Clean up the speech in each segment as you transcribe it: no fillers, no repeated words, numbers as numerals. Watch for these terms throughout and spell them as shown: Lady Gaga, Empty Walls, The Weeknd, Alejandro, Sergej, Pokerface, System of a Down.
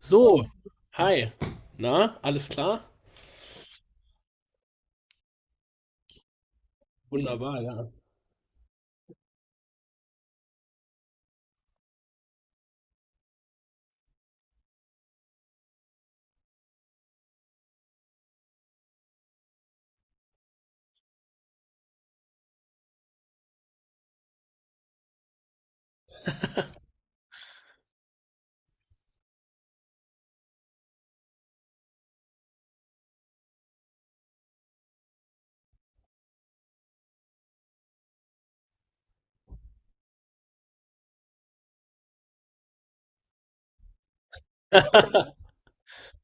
So, hi. Na, alles klar? Wunderbar, ja.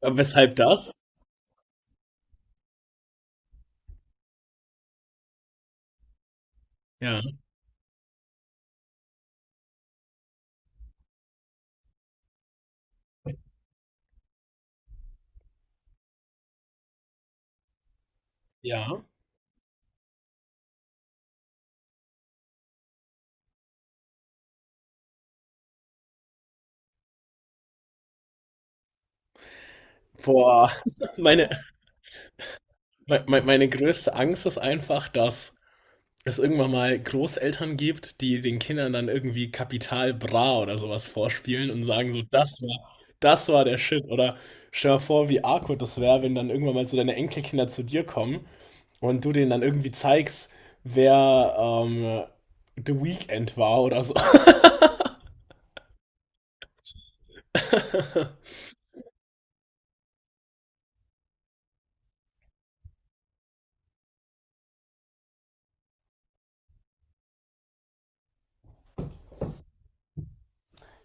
Weshalb das? Ja. Ja. Boah, meine, meine größte Angst ist einfach, dass es irgendwann mal Großeltern gibt, die den Kindern dann irgendwie Kapital Bra oder sowas vorspielen und sagen so, das war der Shit. Oder stell dir vor, wie awkward das wäre, wenn dann irgendwann mal so deine Enkelkinder zu dir kommen und du denen dann irgendwie zeigst, wer The Weeknd war oder so.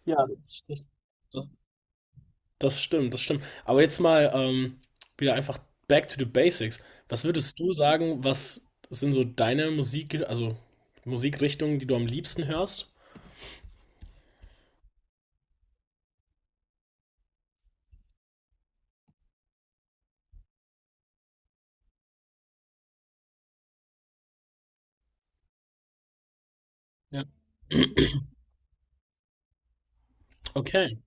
Ja, das, das stimmt, das stimmt. Aber jetzt mal wieder einfach back to the basics. Was würdest du sagen, was sind so deine Musik, also Musikrichtungen, die du am liebsten hörst? Ja. Okay.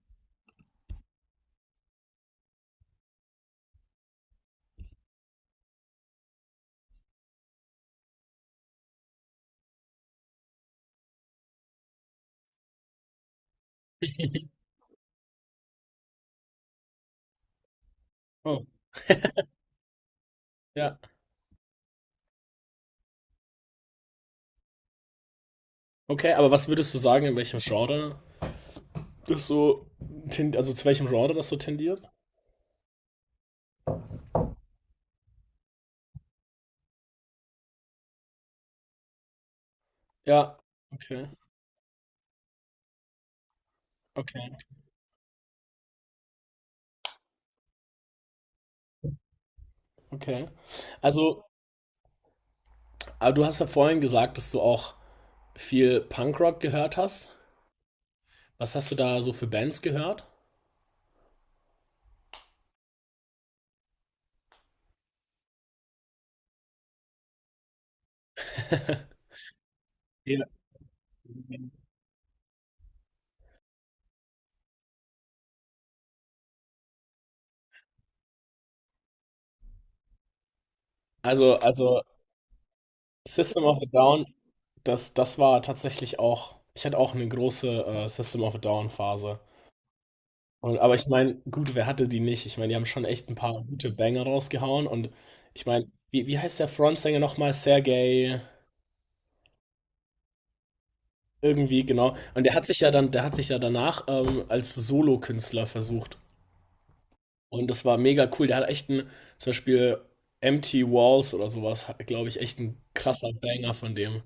Oh, ja. Okay, aber was würdest du sagen, in welchem Genre das so, also zu welchem Genre das so tendiert? Ja. Okay. Okay. Okay. Also, aber du hast ja vorhin gesagt, dass du auch viel Punkrock gehört hast. Was hast du da so für Bands gehört? Ja. Also System of a Down, das war tatsächlich auch, ich hatte auch eine große System of a Down-Phase. Und, aber ich meine, gut, wer hatte die nicht? Ich meine, die haben schon echt ein paar gute Banger rausgehauen. Und ich meine, wie heißt der Frontsänger nochmal? Sergej, irgendwie, genau. Und der hat sich ja dann, der hat sich ja danach als Solokünstler versucht. Und das war mega cool. Der hat echt einen, zum Beispiel Empty Walls oder sowas, glaube ich, echt ein krasser Banger von dem.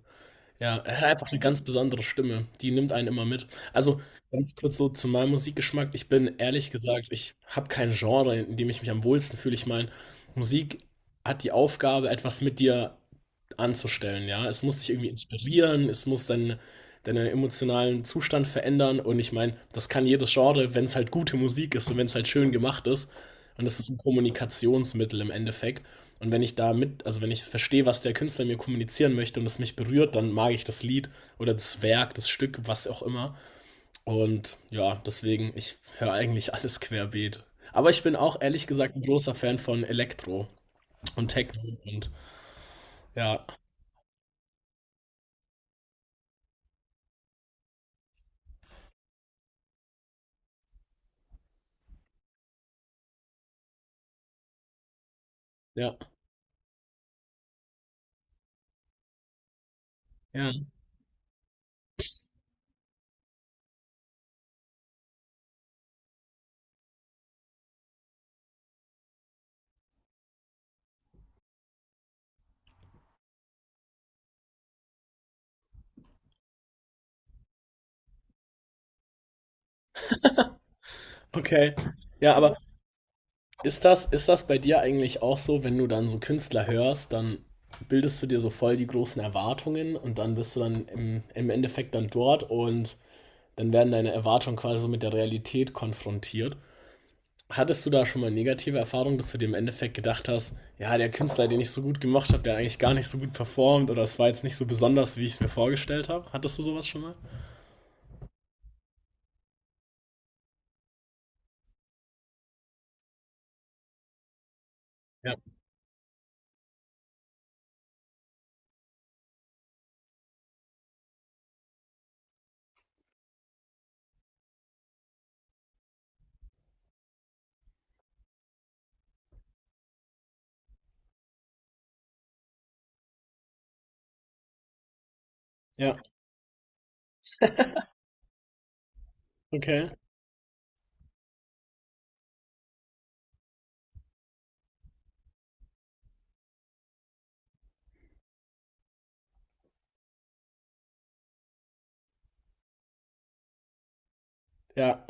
Ja, er hat einfach eine ganz besondere Stimme. Die nimmt einen immer mit. Also ganz kurz so zu meinem Musikgeschmack. Ich bin ehrlich gesagt, ich habe kein Genre, in dem ich mich am wohlsten fühle. Ich meine, Musik hat die Aufgabe, etwas mit dir anzustellen. Ja, es muss dich irgendwie inspirieren, es muss deinen emotionalen Zustand verändern. Und ich meine, das kann jedes Genre, wenn es halt gute Musik ist und wenn es halt schön gemacht ist. Und das ist ein Kommunikationsmittel im Endeffekt. Und wenn ich da mit, also wenn ich verstehe, was der Künstler mir kommunizieren möchte und es mich berührt, dann mag ich das Lied oder das Werk, das Stück, was auch immer. Und ja, deswegen, ich höre eigentlich alles querbeet. Aber ich bin auch ehrlich gesagt ein großer Fan von Elektro und Techno und ja, ja, ja, okay. Ja, aber ist das bei dir eigentlich auch so, wenn du dann so Künstler hörst, dann bildest du dir so voll die großen Erwartungen und dann bist du dann im Endeffekt dann dort und dann werden deine Erwartungen quasi so mit der Realität konfrontiert. Hattest du da schon mal negative Erfahrungen, dass du dir im Endeffekt gedacht hast, ja, der Künstler, den ich so gut gemacht habe, der hat eigentlich gar nicht so gut performt oder es war jetzt nicht so besonders, wie ich es mir vorgestellt habe? Hattest du sowas schon mal? Ja. Ja, okay. Ja.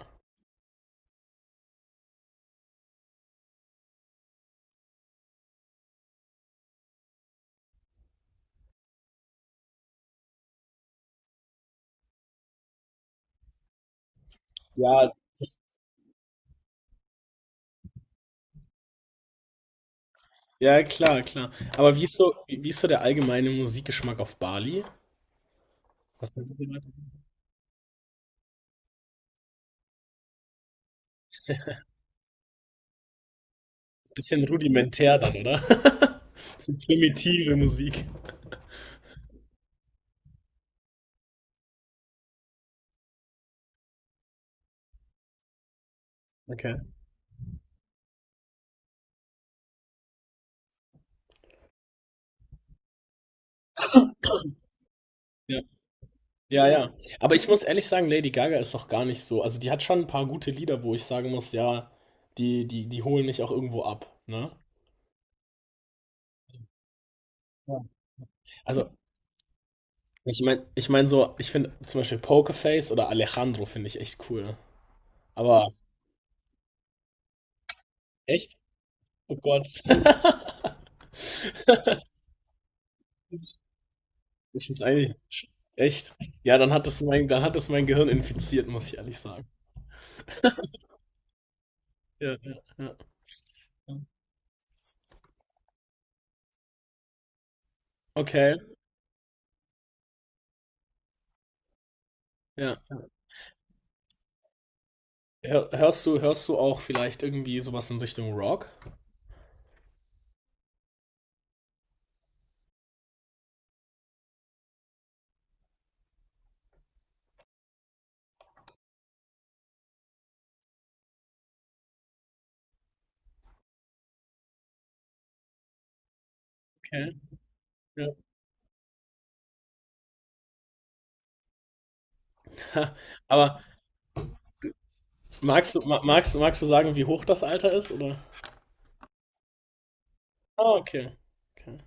Ja, das, ja, klar, klar. Aber wie ist so, wie ist so der allgemeine Musikgeschmack auf Bali? Was bisschen rudimentär dann, oder? Bisschen primitive Musik. Okay. Ja. Ja, ja. Aber ich muss ehrlich sagen, Lady Gaga ist doch gar nicht so. Also die hat schon ein paar gute Lieder, wo ich sagen muss, ja, die holen mich auch irgendwo ab, ne? Ja. Also, ich meine so, ich finde zum Beispiel Pokerface oder Alejandro finde ich echt cool. Aber echt? Oh Gott. Ich find's eigentlich echt. Ja, dann hat das mein Gehirn infiziert, muss ich ehrlich sagen. Ja, ja, ja. Okay, ja. Hör, hörst du auch vielleicht irgendwie sowas in Richtung Rock? Okay. Ja. Aber magst du, magst du sagen, wie hoch das Alter ist, oder? Ah, okay. Okay.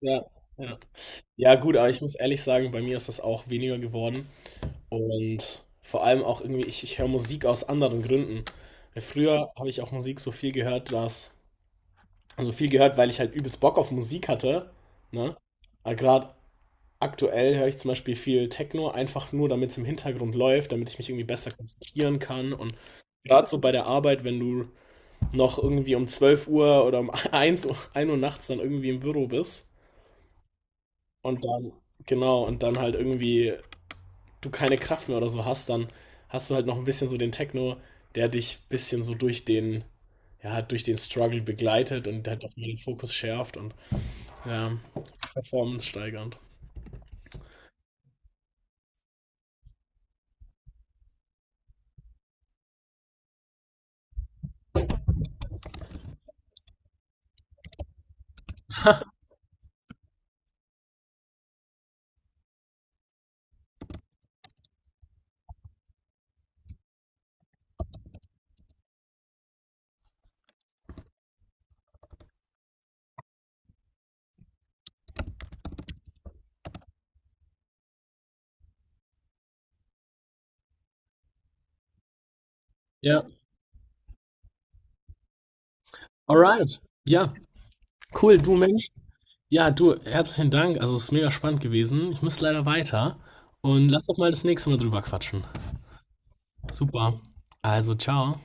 Ja, ja. Ja, gut, aber ich muss ehrlich sagen, bei mir ist das auch weniger geworden. Und vor allem auch irgendwie, ich höre Musik aus anderen Gründen. Weil früher habe ich auch Musik so viel gehört, dass, also viel gehört, weil ich halt übelst Bock auf Musik hatte, ne? Aber gerade aktuell höre ich zum Beispiel viel Techno, einfach nur, damit es im Hintergrund läuft, damit ich mich irgendwie besser konzentrieren kann. Und gerade so bei der Arbeit, wenn du noch irgendwie um 12 Uhr oder um 1 Uhr nachts dann irgendwie im Büro bist und dann, genau, und dann halt irgendwie du keine Kraft mehr oder so hast, dann hast du halt noch ein bisschen so den Techno, der dich ein bisschen so durch den, ja, durch den Struggle begleitet und halt auch mal den Fokus schärft und ja, Performance steigernd. Ja, alright. Ja, cool, du Mensch. Ja, du, herzlichen Dank. Also, es ist mega spannend gewesen. Ich muss leider weiter. Und lass doch mal das nächste Mal drüber quatschen. Super. Also, ciao.